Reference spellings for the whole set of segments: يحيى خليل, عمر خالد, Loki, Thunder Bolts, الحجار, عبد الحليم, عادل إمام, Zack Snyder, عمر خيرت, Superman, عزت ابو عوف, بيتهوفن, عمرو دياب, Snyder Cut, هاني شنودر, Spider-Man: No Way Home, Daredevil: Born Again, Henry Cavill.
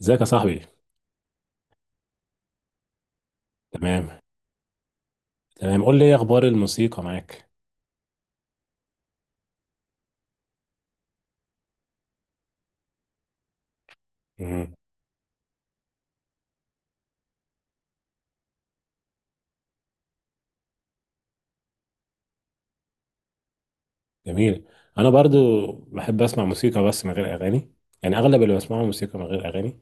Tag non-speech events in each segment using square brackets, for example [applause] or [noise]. ازيك يا صاحبي؟ تمام، تمام. قول لي ايه اخبار الموسيقى معاك؟ مم. جميل. انا برضو بحب اسمع موسيقى بس من غير اغاني، يعني اغلب اللي بسمعه موسيقى من غير اغاني.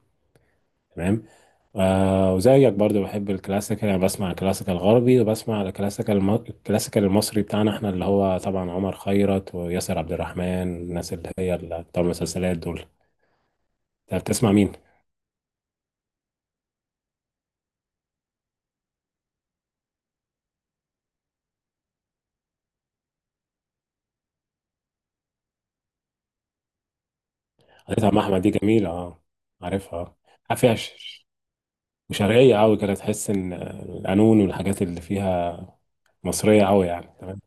تمام. وزيك برضو بحب الكلاسيكال، يعني بسمع الكلاسيكال الغربي وبسمع الكلاسيكال المصري بتاعنا احنا، اللي هو طبعا عمر خيرت وياسر عبد الرحمن. الناس اللي هي اللي بتوع المسلسلات دول. انت بتسمع مين؟ قضيت عم احمد دي جميلة، اه. عارفها. فيها وشرقية أوي كده، تحس إن القانون والحاجات اللي فيها مصرية أوي، يعني تمام.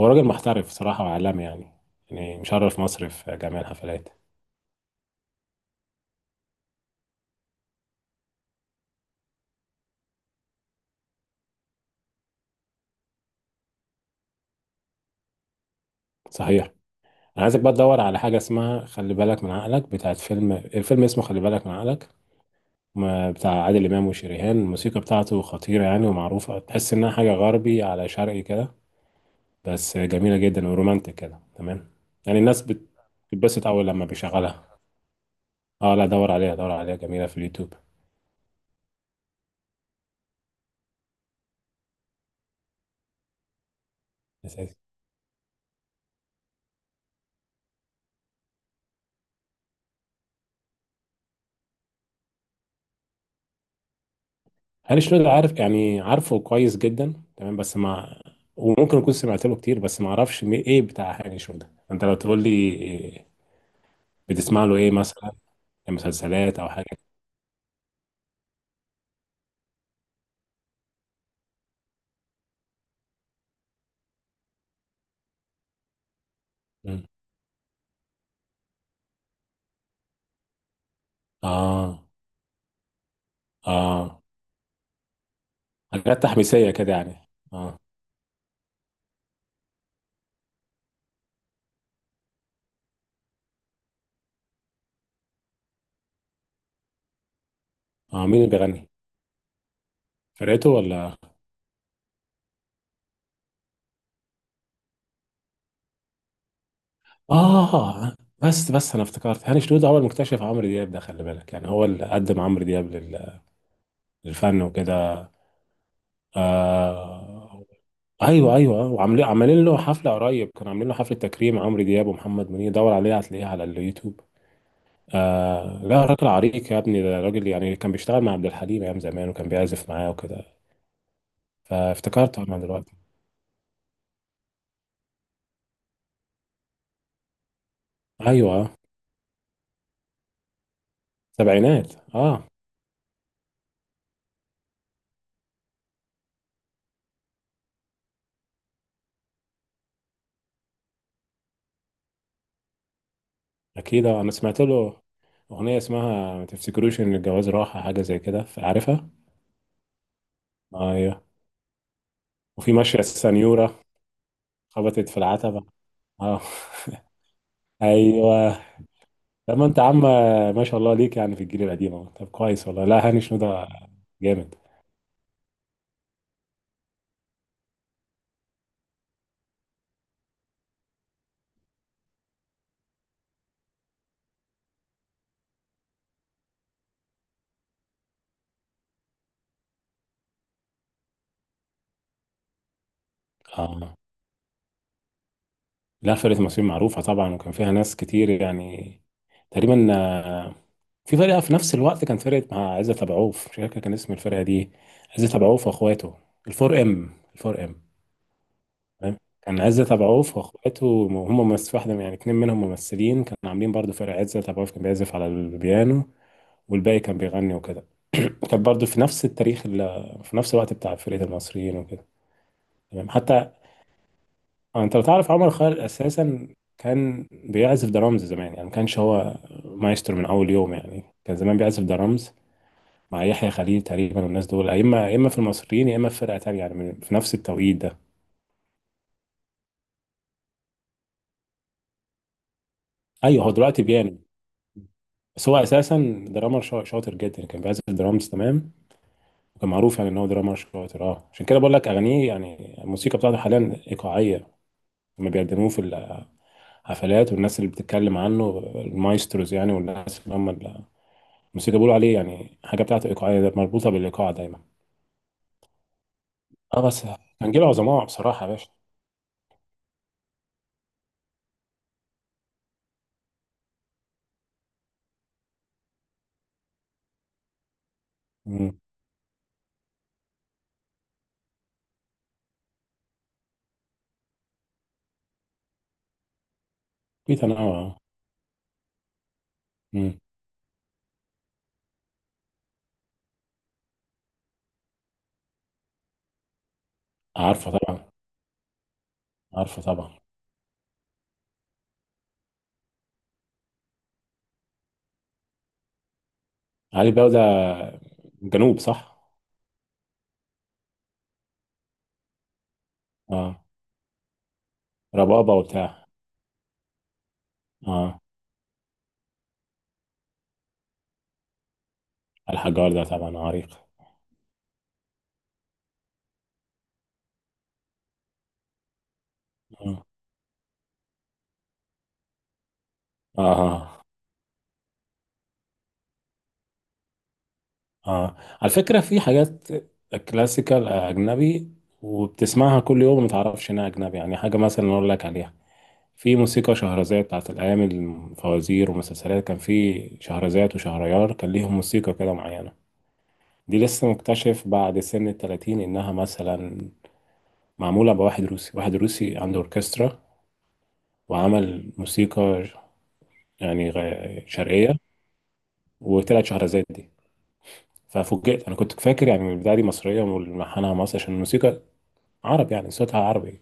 هو راجل محترف صراحة وعالمي يعني، يعني مشرف مصر في جميع الحفلات. صحيح. أنا عايزك بقى تدور على حاجة اسمها خلي بالك من عقلك، بتاعت فيلم، الفيلم اسمه خلي بالك من عقلك. بتاع عادل إمام وشريهان. الموسيقى بتاعته خطيرة يعني ومعروفة، تحس إنها حاجة غربي على شرقي كده، بس جميلة جدا ورومانتك كده، تمام. يعني بتتبسط أول لما بيشغلها. اه لا، دور عليها دور عليها، جميلة في اليوتيوب. هاني شنودر عارف، يعني عارفه كويس جدا، تمام بس ما وممكن اكون سمعت له كتير، بس ما اعرفش ايه بتاع هاني شنودر، انت لو تقول لي إيه بتسمع له ايه مثلا؟ إيه؟ مسلسلات او حاجه؟ مم. اه. اه حاجات تحميسيه كده يعني، اه. اه، مين اللي بيغني؟ فرقته ولا؟ اه. بس انا افتكرت هاني شنودر هو المكتشف عمرو دياب، ده خلي بالك، يعني هو اللي قدم عمرو دياب للفن وكده. آه، ايوه، ايوه، وعاملين له حفله قريب، كانوا عاملين له حفله تكريم عمرو دياب ومحمد منير، دور عليه هتلاقيه على اليوتيوب. آه لا، راجل عريق يا ابني، ده راجل يعني كان بيشتغل مع عبد الحليم ايام زمان، وكان بيعزف معاه وكده، فافتكرته انا دلوقتي. ايوه، سبعينات، اه. اكيد، انا سمعت له اغنيه اسمها ما تفتكروش ان الجواز راحه، حاجه زي كده، عارفها. ايوه. وفي ماشيه السنيوره، خبطت في العتبه. اه [laughs] ايوه. لما انت عم ما شاء الله ليك، يعني في الجيل القديم اهو. طب كويس والله، لا هاني شنو ده جامد، اه. لا فرقه مصريين معروفه طبعا، وكان فيها ناس كتير يعني، تقريبا، في فرقه في نفس الوقت، كان فرقه مع عزت ابو عوف، مش فاكر كان اسم الفرقه دي. عزت ابو عوف واخواته، الفور ام، الفور ام. تمام. كان عزت ابو عوف واخواته هم ممثل واحده يعني اتنين منهم ممثلين، كانوا عاملين برضو فرقه، عزت ابو عوف كان بيعزف على البيانو والباقي كان بيغني وكده. كانت برضو في نفس التاريخ في نفس الوقت بتاع فرقة المصريين وكده. تمام حتى، انت لو تعرف عمر خالد اساسا، كان بيعزف درامز زمان، يعني ما كانش هو مايسترو من اول يوم، يعني كان زمان بيعزف درامز مع يحيى خليل تقريبا، والناس دول يا اما يا اما في المصريين يا اما في فرقة تانية، يعني في نفس التوقيت ده. ايوه، هو دلوقتي بيانو، بس هو اساسا درامر شاطر جدا، كان بيعزف درامز، تمام. وكان معروف يعني ان هو درامر شاطر، اه عشان كده بقول لك اغانيه، يعني الموسيقى بتاعته حاليا ايقاعية، لما بيقدموه في حفلات، والناس اللي بتتكلم عنه المايستروز، يعني والناس اللي هم الموسيقى، بيقولوا عليه يعني حاجة بتاعته إيقاعية، ده مربوطة بالإيقاع دايما. اه بس، كان جيل عظماء بصراحة يا باشا. مم. في تنوع، آه. مم. عارفة طبعا. عارفة طبعا. علي بقى ده جنوب صح؟ اه، ربابة وبتاع. اه، الحجار ده طبعا عريق. اه، اه، اه. على فكرة في حاجات كلاسيكال أجنبي، وبتسمعها كل يوم ما تعرفش إنها أجنبي، يعني حاجة مثلا أقول لك عليها. في موسيقى شهرزاد بتاعت الأيام الفوازير، ومسلسلات كان في شهرزاد وشهريار، كان ليهم موسيقى كده معينة. دي لسه مكتشف بعد سن التلاتين إنها مثلا معمولة بواحد روسي، واحد روسي عنده أوركسترا، وعمل موسيقى يعني شرقية، وطلعت شهرزاد دي. ففوجئت، أنا كنت فاكر يعني من البداية دي مصرية وملحنها مصري، عشان الموسيقى عربي يعني صوتها عربي،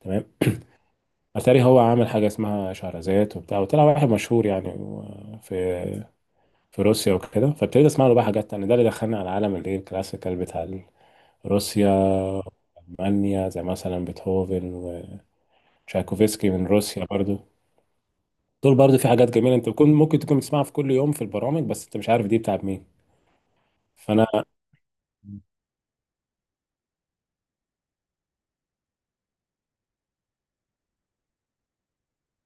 تمام. اتاري هو عامل حاجه اسمها شهرزاد وبتاع، وطلع واحد مشهور يعني في روسيا وكده، فابتديت اسمع له بقى حاجات تانية، ده اللي دخلني على عالم الايه الكلاسيكال بتاع روسيا، المانيا، زي مثلا بيتهوفن وتشايكوفسكي من روسيا برضو. دول برضو في حاجات جميله، انت بتكون ممكن تكون بتسمعها في كل يوم في البرامج، بس انت مش عارف دي بتاعت مين. فانا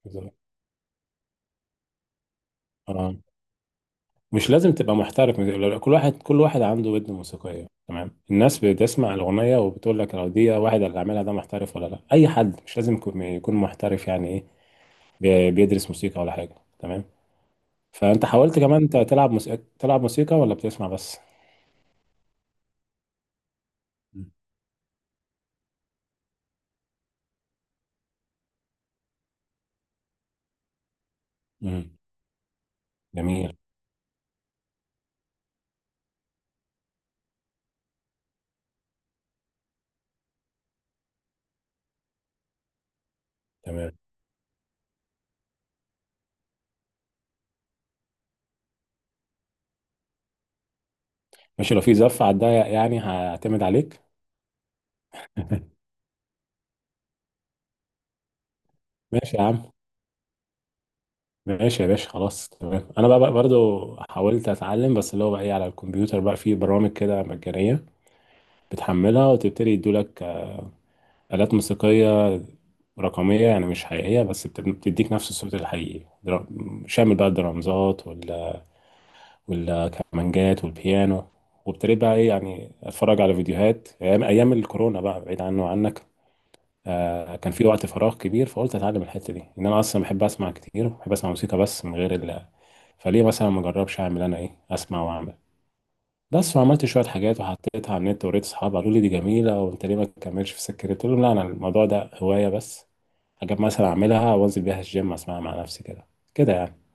بالظبط. اه مش لازم تبقى محترف كل واحد كل واحد عنده ودن موسيقيه، تمام. الناس بتسمع الاغنيه وبتقول لك لو دي واحد اللي عاملها ده محترف ولا لا، اي حد مش لازم يكون محترف، يعني ايه، بيدرس موسيقى ولا حاجه، تمام. فانت حاولت كمان تلعب موسيقى، تلعب موسيقى ولا بتسمع بس؟ مم. امم. جميل. تمام ماشي، لو في زف على الضيق يعني هعتمد عليك. [laughs] ماشي يا عم، ماشي يا باشا، خلاص تمام. انا بقى برضو حاولت اتعلم، بس اللي هو بقى ايه، على الكمبيوتر بقى في برامج كده مجانيه، بتحملها وتبتدي يدولك آلات موسيقيه رقميه، يعني مش حقيقيه بس بتديك نفس الصوت الحقيقي، شامل بقى الدرامزات والكمانجات والبيانو. وابتديت بقى ايه يعني اتفرج على فيديوهات ايام ايام الكورونا، بقى بعيد عنه وعنك، كان في وقت فراغ كبير، فقلت اتعلم الحته دي، ان انا اصلا بحب اسمع كتير، بحب اسمع موسيقى بس من غير ال، فليه مثلا ما اجربش اعمل انا ايه، اسمع واعمل بس. وعملت شويه حاجات وحطيتها على النت ووريت اصحابي، قالوا لي دي جميله وانت ليه ما تكملش في السكه دي؟ قلت لهم لا، انا الموضوع ده هوايه بس، حاجات مثلا اعملها وانزل بيها الجيم اسمعها مع نفسي كده، كده يعني.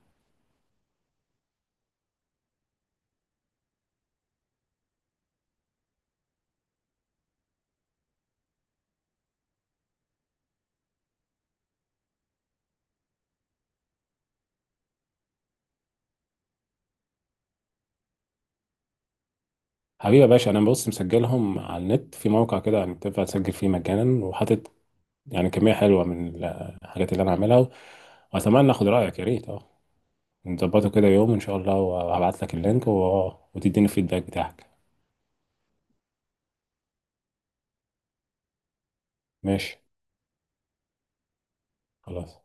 حبيبي يا باشا، انا بص مسجلهم على النت في موقع كده، يعني تنفع تسجل فيه مجانا، وحاطط يعني كميه حلوه من الحاجات اللي انا عاملها، واتمنى اخد رايك، يا ريت اه نظبطه كده يوم ان شاء الله، وهبعت لك اللينك و... آه، وتديني الفيدباك بتاعك. ماشي خلاص،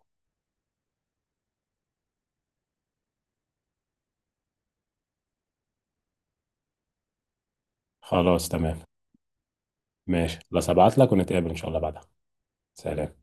خلاص تمام. ماشي خلاص، هبعت لك ونتقابل ان شاء الله بعدها. سلام.